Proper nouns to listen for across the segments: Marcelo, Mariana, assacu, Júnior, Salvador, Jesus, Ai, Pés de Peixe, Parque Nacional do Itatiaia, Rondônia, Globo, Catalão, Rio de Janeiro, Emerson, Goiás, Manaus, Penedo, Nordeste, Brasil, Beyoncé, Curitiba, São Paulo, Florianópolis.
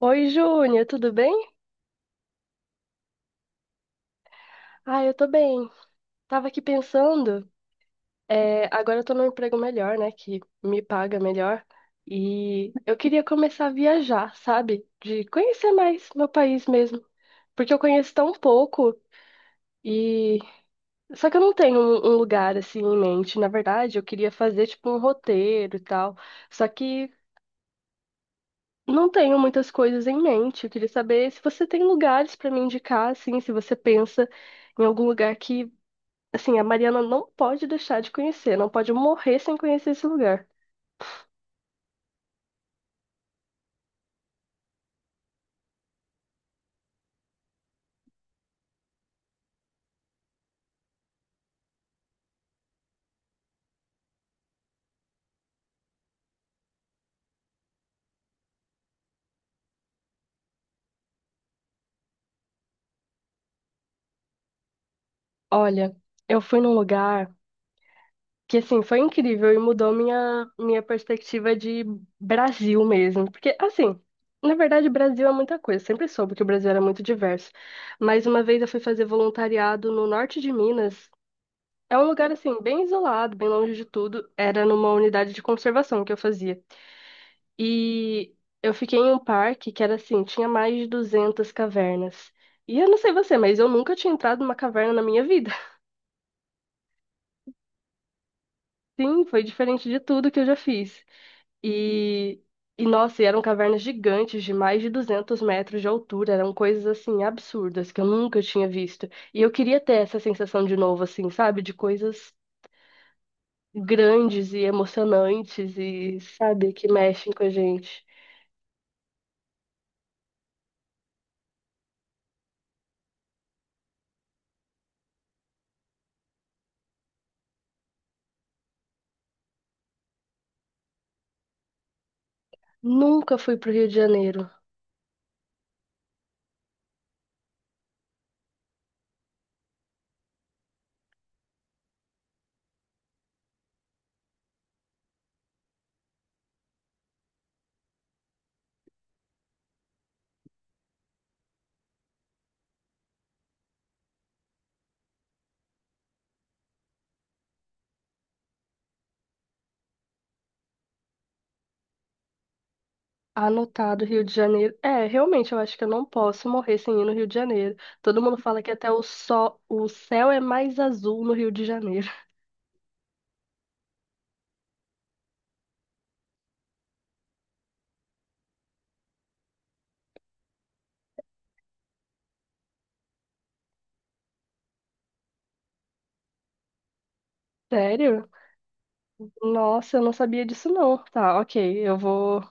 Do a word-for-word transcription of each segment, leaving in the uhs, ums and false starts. Oi, Júnior, tudo bem? Ah, eu tô bem. Tava aqui pensando, é, agora eu tô num emprego melhor, né, que me paga melhor, e eu queria começar a viajar, sabe? De conhecer mais meu país mesmo, porque eu conheço tão pouco e só que eu não tenho um, um lugar assim em mente. Na verdade, eu queria fazer tipo um roteiro e tal, só que não tenho muitas coisas em mente. Eu queria saber se você tem lugares pra me indicar, assim, se você pensa em algum lugar que Assim, a Mariana não pode deixar de conhecer, não pode morrer sem conhecer esse lugar. Olha, eu fui num lugar que, assim, foi incrível e mudou minha, minha perspectiva de Brasil mesmo. Porque, assim, na verdade, Brasil é muita coisa. Sempre soube que o Brasil era muito diverso. Mas uma vez eu fui fazer voluntariado no norte de Minas. É um lugar, assim, bem isolado, bem longe de tudo. Era numa unidade de conservação que eu fazia. E eu fiquei em um parque que era assim, tinha mais de duzentas cavernas. E eu não sei você, mas eu nunca tinha entrado numa caverna na minha vida. Sim, foi diferente de tudo que eu já fiz. E, e nossa, e eram cavernas gigantes de mais de duzentos metros de altura. Eram coisas assim absurdas que eu nunca tinha visto. E eu queria ter essa sensação de novo, assim, sabe? De coisas grandes e emocionantes e, sabe, que mexem com a gente. Nunca fui pro Rio de Janeiro. Anotado, Rio de Janeiro. É, realmente, eu acho que eu não posso morrer sem ir no Rio de Janeiro. Todo mundo fala que até o sol, o céu é mais azul no Rio de Janeiro. Sério? Nossa, eu não sabia disso não. Tá, ok, eu vou.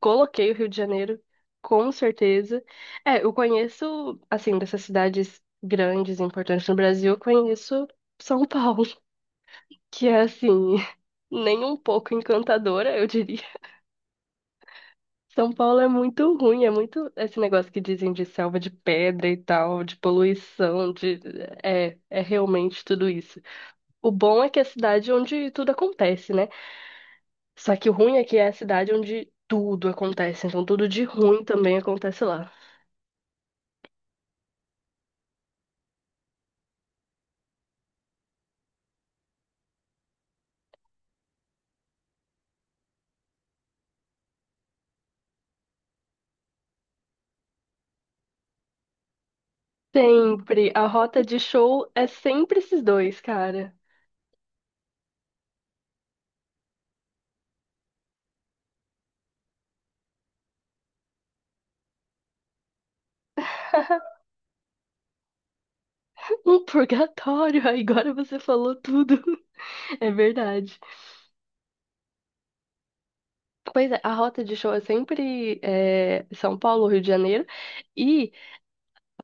Coloquei o Rio de Janeiro, com certeza. É, eu conheço, assim, dessas cidades grandes, importantes no Brasil, eu conheço São Paulo, que é, assim, nem um pouco encantadora, eu diria. São Paulo é muito ruim, é muito esse negócio que dizem de selva de pedra e tal, de poluição, de é, é realmente tudo isso. O bom é que é a cidade onde tudo acontece, né? Só que o ruim é que é a cidade onde tudo acontece, então tudo de ruim também acontece lá. Sempre, a rota de show é sempre esses dois, cara. Um purgatório, agora você falou tudo. É verdade. Pois é, a rota de show é sempre é, São Paulo, Rio de Janeiro. e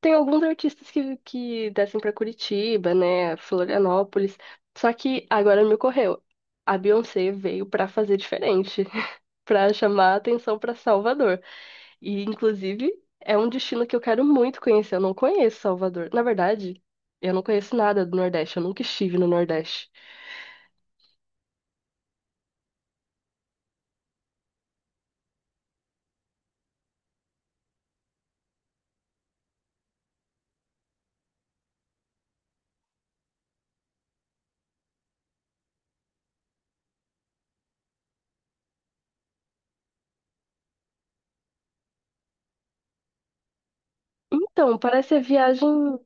Tem alguns artistas que, que descem pra Curitiba, né? Florianópolis. Só que agora me ocorreu. A Beyoncé veio pra fazer diferente, pra chamar a atenção pra Salvador. E, inclusive, é um destino que eu quero muito conhecer. Eu não conheço Salvador. Na verdade, eu não conheço nada do Nordeste. Eu nunca estive no Nordeste. Então, parece a viagem.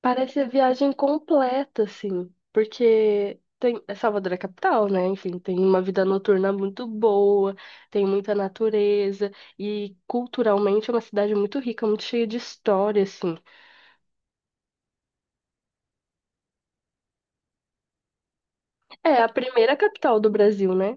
Parece a viagem completa, assim, porque tem é Salvador é capital, né? Enfim, tem uma vida noturna muito boa, tem muita natureza e culturalmente é uma cidade muito rica, muito cheia de história, assim. É a primeira capital do Brasil, né?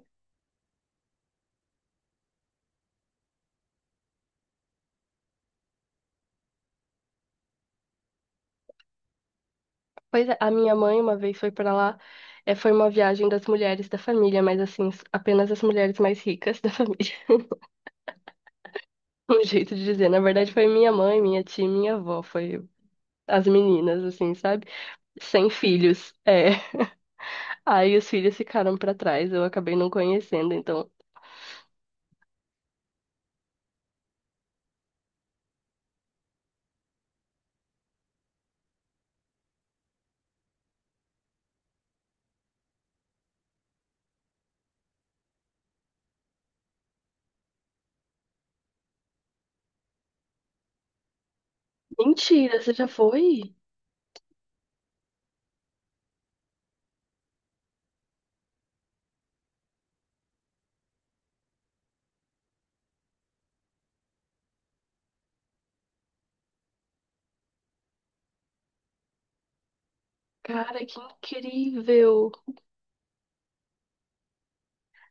Pois é, a minha mãe uma vez foi pra lá, é, foi uma viagem das mulheres da família, mas assim, apenas as mulheres mais ricas da família. Um jeito de dizer, na verdade foi minha mãe, minha tia, e minha avó, foi as meninas, assim, sabe? Sem filhos. É. Aí os filhos ficaram pra trás, eu acabei não conhecendo, então. Mentira, você já foi? Cara, que incrível!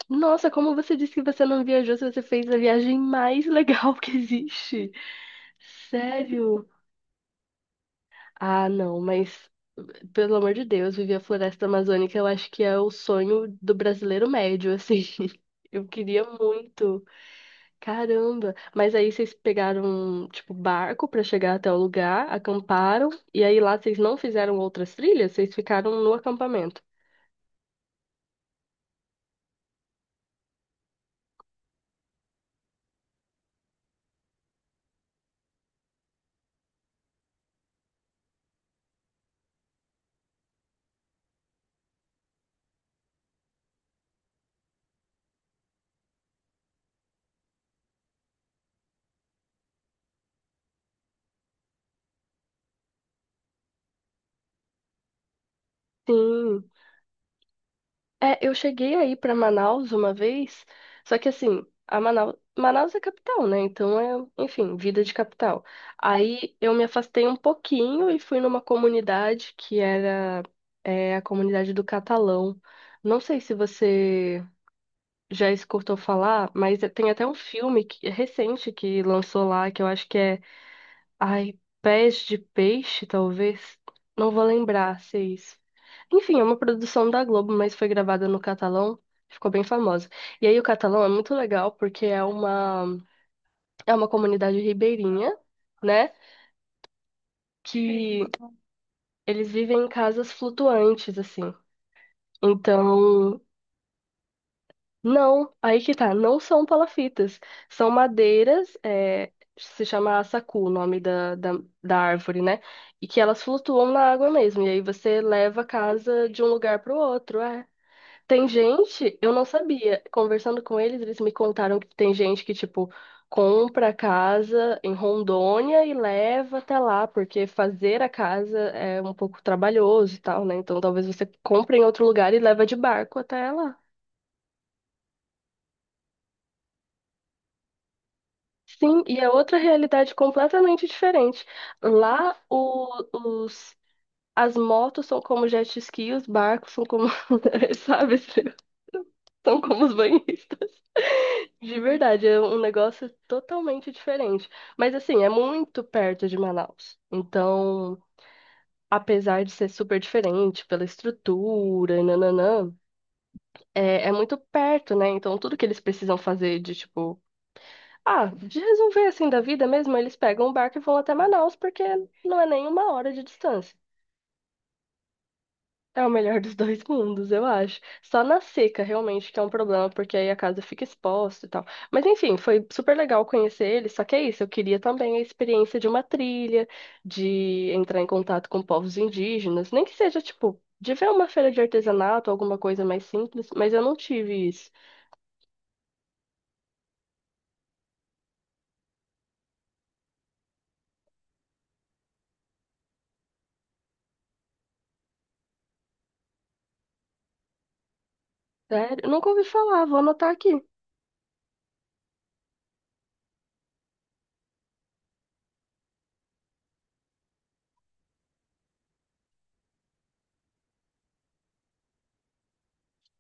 Nossa, como você disse que você não viajou, se você fez a viagem mais legal que existe. Sério? Ah, não, mas pelo amor de Deus, viver a floresta amazônica, eu acho que é o sonho do brasileiro médio, assim. Eu queria muito. Caramba! Mas aí vocês pegaram, tipo, barco pra chegar até o lugar, acamparam, e aí lá vocês não fizeram outras trilhas, vocês ficaram no acampamento. Sim. É, eu cheguei aí pra Manaus uma vez, só que assim, a Manaus, Manaus é capital, né? Então é, enfim, vida de capital. Aí eu me afastei um pouquinho e fui numa comunidade que era, é, a comunidade do Catalão. Não sei se você já escutou falar, mas tem até um filme que- é recente que lançou lá, que eu acho que é Ai, Pés de Peixe, talvez. Não vou lembrar se é isso. Enfim, é uma produção da Globo, mas foi gravada no catalão. Ficou bem famosa. E aí o catalão é muito legal porque é uma, é uma comunidade ribeirinha, né? Que eles vivem em casas flutuantes, assim. Então, Não, aí que tá, não são palafitas, são madeiras, é, se chama assacu, o nome da, da, da, árvore, né? E que elas flutuam na água mesmo, e aí você leva a casa de um lugar para o outro, é. Tem gente, eu não sabia, conversando com eles, eles me contaram que tem gente que, tipo, compra a casa em Rondônia e leva até lá, porque fazer a casa é um pouco trabalhoso e tal, né? Então talvez você compre em outro lugar e leva de barco até lá. Sim, e é outra realidade completamente diferente. Lá, o- os, as motos são como jet ski, os barcos são como, sabe, são como os banhistas. De verdade, é um negócio totalmente diferente. Mas, assim, é muito perto de Manaus. Então, apesar de ser super diferente pela estrutura e nananã, é, é muito perto, né? Então, tudo que eles precisam fazer de, tipo, Ah, de resolver assim da vida mesmo, eles pegam o barco e vão até Manaus, porque não é nem uma hora de distância. É o melhor dos dois mundos, eu acho. Só na seca, realmente, que é um problema, porque aí a casa fica exposta e tal. Mas enfim, foi super legal conhecer eles, só que é isso, eu queria também a experiência de uma trilha, de entrar em contato com povos indígenas, nem que seja, tipo, de ver uma feira de artesanato, alguma coisa mais simples, mas eu não tive isso. Sério, nunca ouvi falar, vou anotar aqui.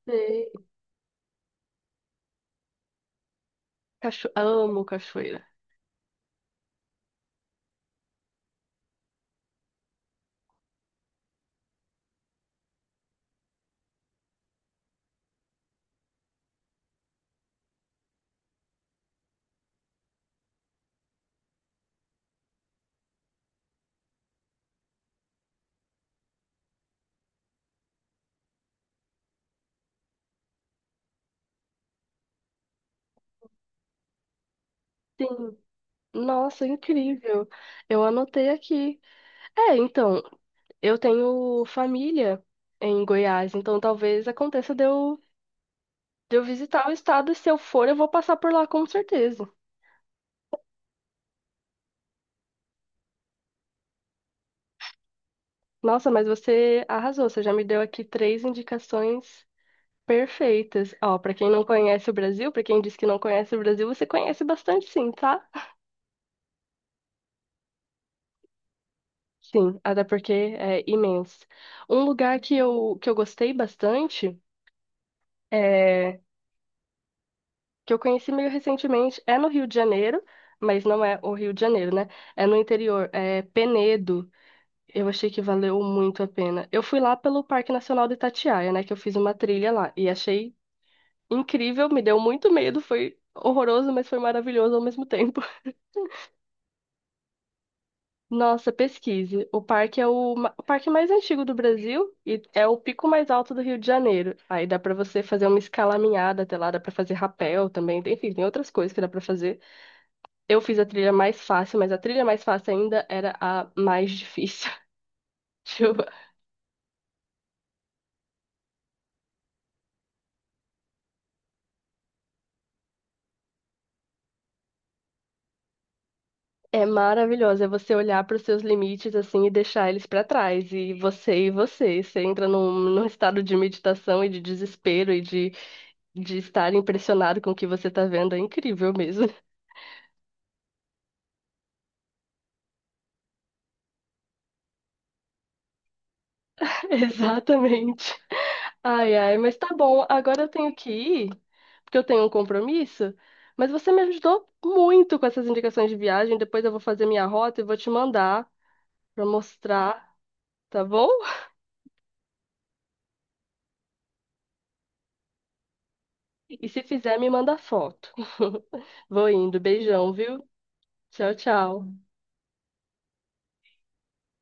Sei. Cacho... Amo cachoeira. Sim. Nossa, incrível. Eu anotei aqui. É, então, eu tenho família em Goiás, então talvez aconteça de eu, de eu visitar o estado e se eu for, eu vou passar por lá com certeza. Nossa, mas você arrasou, você já me deu aqui três indicações perfeitas. Ó, pra quem não conhece o Brasil, pra quem diz que não conhece o Brasil, você conhece bastante sim, tá? Sim, até porque é imenso. Um lugar que eu, que eu gostei bastante. É que eu conheci meio recentemente é no Rio de Janeiro, mas não é o Rio de Janeiro, né? É no interior, é Penedo. Eu achei que valeu muito a pena. Eu fui lá pelo Parque Nacional do Itatiaia, né? Que eu fiz uma trilha lá e achei incrível, me deu muito medo, foi horroroso, mas foi maravilhoso ao mesmo tempo. Nossa, pesquise. O parque é o, ma- o parque mais antigo do Brasil e é o pico mais alto do Rio de Janeiro. Aí dá pra você fazer uma escalaminhada até lá, dá pra fazer rapel também, enfim, tem outras coisas que dá pra fazer. Eu fiz a trilha mais fácil, mas a trilha mais fácil ainda era a mais difícil. Tipo, é maravilhosa. É você olhar para os seus limites assim e deixar eles para trás. E você e você. Você entra num, num estado de meditação e de desespero e de, de estar impressionado com o que você tá vendo. É incrível mesmo. Exatamente. Ai, ai, mas tá bom. Agora eu tenho que ir, porque eu tenho um compromisso. Mas você me ajudou muito com essas indicações de viagem. Depois eu vou fazer minha rota e vou te mandar. Para mostrar, tá bom? E se fizer, me manda foto. Vou indo. Beijão, viu? Tchau, tchau.